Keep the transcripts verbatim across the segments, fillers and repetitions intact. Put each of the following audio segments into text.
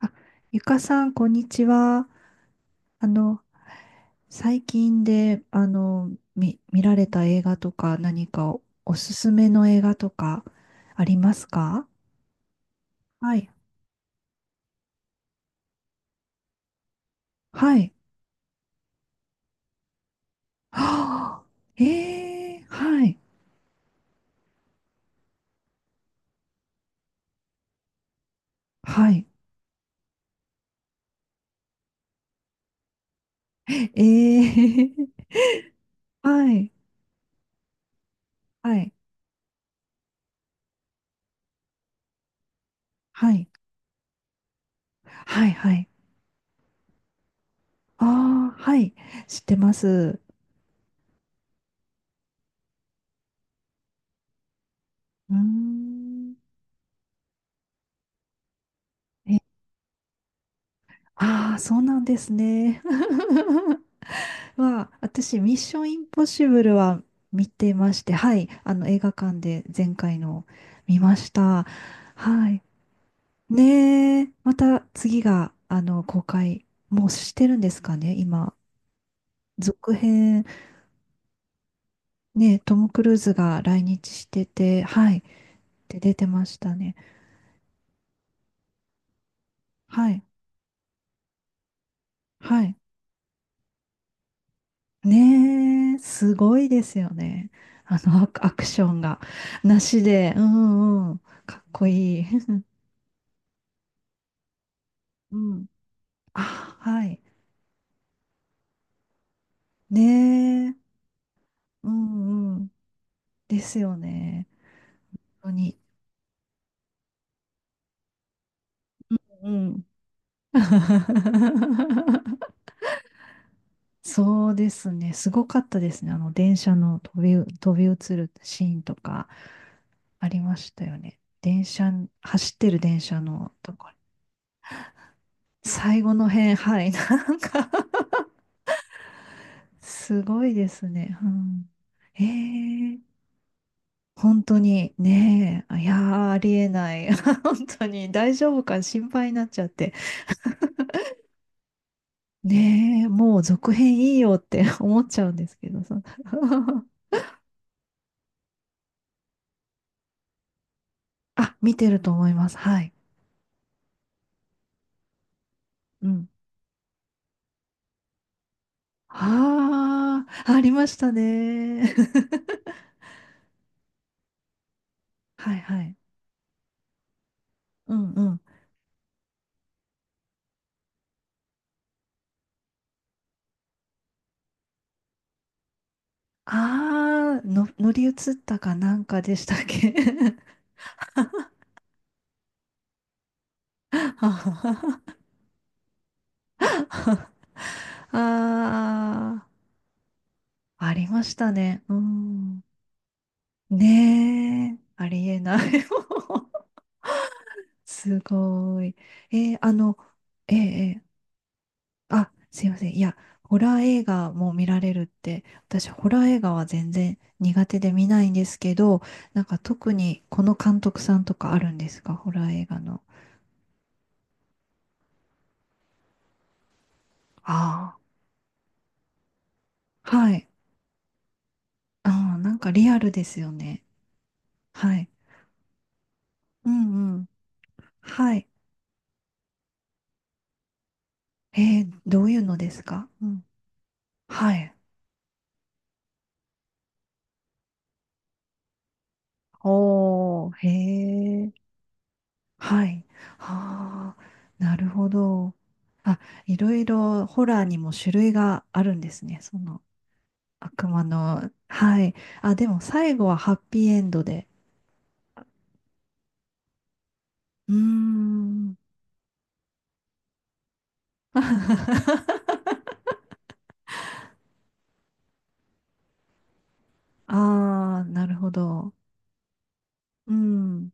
あゆかさん、こんにちは。あの、最近で、あの、み、見られた映画とか、何かお、おすすめの映画とか、ありますか？はい。はい。はあ、えー、はい。はい。えー、はい。はい。はい。はい。はい。ああ、はい。知ってます。うーん。え、ああ、そうなんですね。は、私、ミッションインポッシブルは見てまして、はい、あの映画館で前回の見ました。はい。ねえ、また次が、あの、公開、もうしてるんですかね、今。続編、ね、トム・クルーズが来日してて、はい、で出てましたね。はい、はい。ねえ、すごいですよね。あの、アクアクションがなしで、うんうん、かっこいい。うん。あ、はい。ねえ。うんうん。ですよね。本当に。うん。そうですね。すごかったですね。あの、電車の飛びう、飛び移るシーンとかありましたよね。電車、走ってる電車のとこ最後の辺、はい。なんか すごいですね。うん、ええ本当にねえ、あいやー、ありえない。本当に大丈夫か心配になっちゃって。ねえ、もう続編いいよって 思っちゃうんですけど、そんな あ、見てると思います。はい。うん。ああ、ありましたね。はいはい。うんうん。ああ、の、乗り移ったかなんかでしたっけ？ ああ、ありましたね。うん。ねえ、ありえない。すごい。えーあの、ええええあ、すいません。いや、ホラー映画も見られるって、私、ホラー映画は全然苦手で見ないんですけど、なんか特にこの監督さんとかあるんですか？ホラー映画の。ああ。はい。ああ、なんかリアルですよね。はい。うんうん。はい。えー、どういうのですか？うん。はい。おー、へえ。はい。ああ、なるほど。あ、いろいろホラーにも種類があるんですね。その、悪魔の、はい。あ、でも最後はハッピーエンドで。うーん。ああ、なるほど。うん。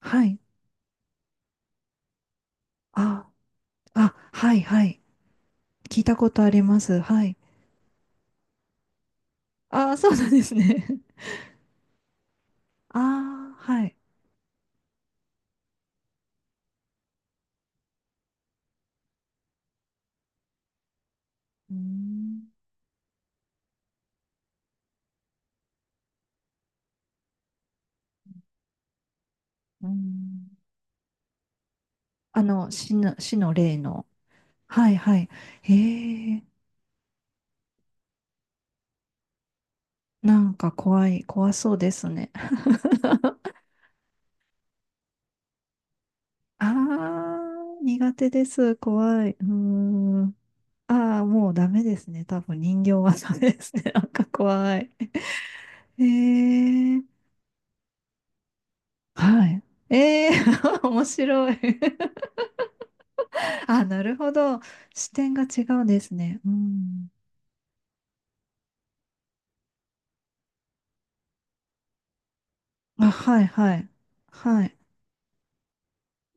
はい。あ、あ、はい、はい。聞いたことあります。はい。ああ、そうなんですね。ああ、はい。うーん。うーんあの、死の、死の霊の。はい、はい。へえ、なんか怖い、怖そうですね。ああ、苦手です。怖い。うーん。ああ、もうダメですね。多分人形はダメですね。なんか怖い。ええはい。ええ 面白い あ、なるほど。視点が違うんですね。うん。あ、はい、はい。はい。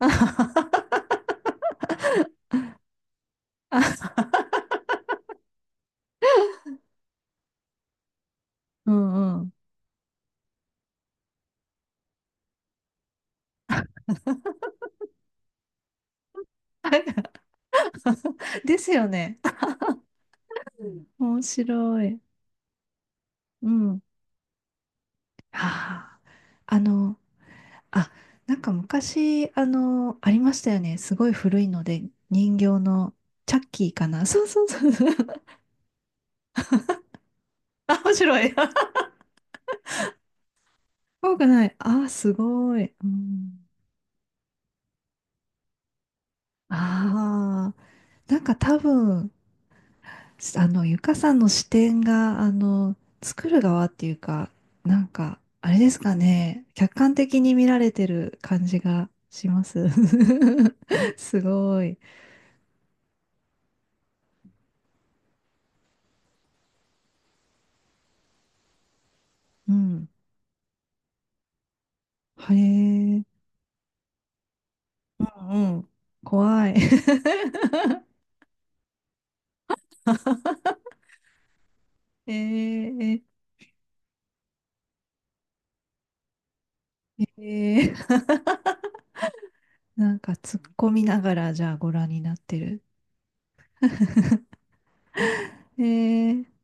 あはははうんうん。ですよね。うん面白い。うん。ああ、あの、あ、なんか昔、あの、ありましたよね。すごい古いので、人形のチャッキーかな。そうそうそう。あ、面白い。怖くない。ああ、すごい。うん、ああ、なんか多分、あの、ゆかさんの視点が、あの、作る側っていうか、なんか、あれですかね、客観的に見られてる感じがします。すごい。うん。へえ、うんうん。怖い。えー、えー、なんか突っ込みながら、じゃあご覧になってる。えー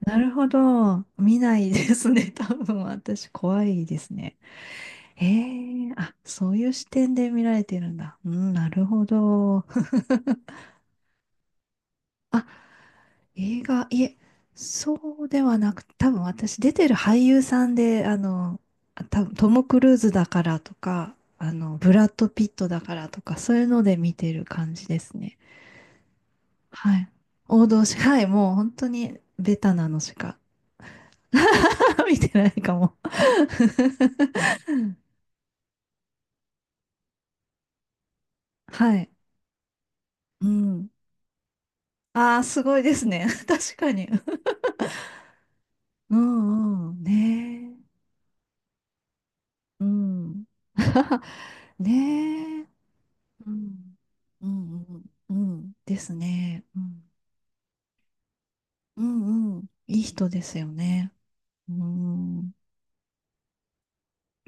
なるほど。見ないですね。多分私怖いですね。ええあ、そういう視点で見られてるんだ。うん、なるほど。あ、映画、いえ、そうではなく、多分私出てる俳優さんで、あの、あ多分トム・クルーズだからとか、あの、ブラッド・ピットだからとか、そういうので見てる感じですね。はい。王道し、はい、もう本当にベタなのしか 見てないかも はい。うん。ああ、すごいですね。確かに。うんうん。ねえ。うん。ねえ。うん。うん、うん、うん。ですね。うん、うん、うん。いい人ですよね。うん、うん、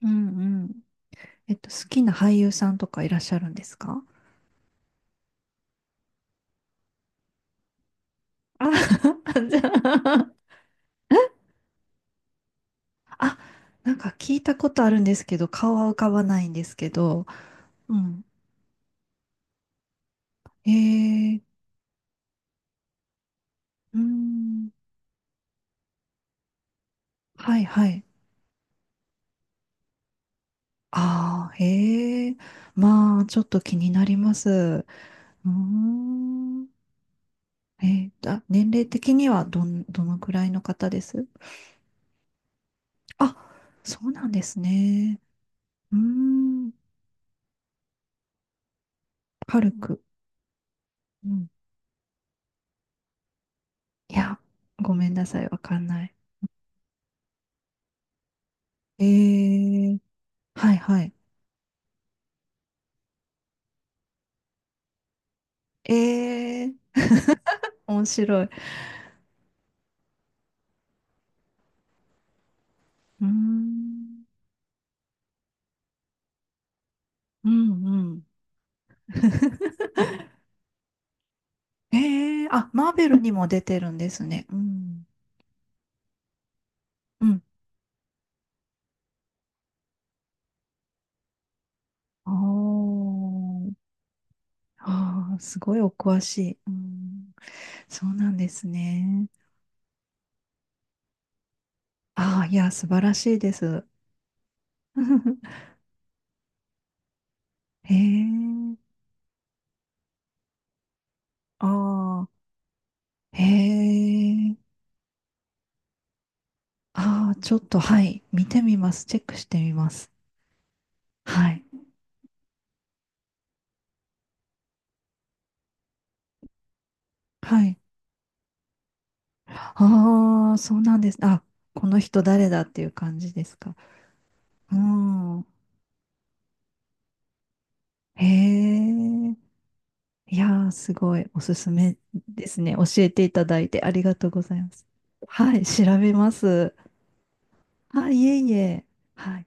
うん、えっと、好きな俳優さんとかいらっしゃるんですか？あ、じゃあ、あ、なんか聞いたことあるんですけど、顔は浮かばないんですけど、うん。えー、うーん。はいはい。ああ、へえ。まあ、ちょっと気になります。うーん。えー、あ、年齢的にはどん、どのくらいの方です？あ、そうなんですね。うーん。軽く。うん。いや、ごめんなさい。わかんない。えーはいはい。えー面白い。うーん。うんうん。ええ。あ、マーベルにも出てるんですね。うん。うん。ああ。ああ、すごいお詳しい。うん、そうなんですね。ああ、いや、素晴らしいです。へえ、ああ、へえ、ああ、ちょっと、はい、見てみます。チェックしてみます。はい、はい。ああ、そうなんです。あ、この人誰だっていう感じですか。うん、へえ、いやー、すごい、おすすめですね。教えていただいてありがとうございます。はい、調べます。あ、いえいえ。はい。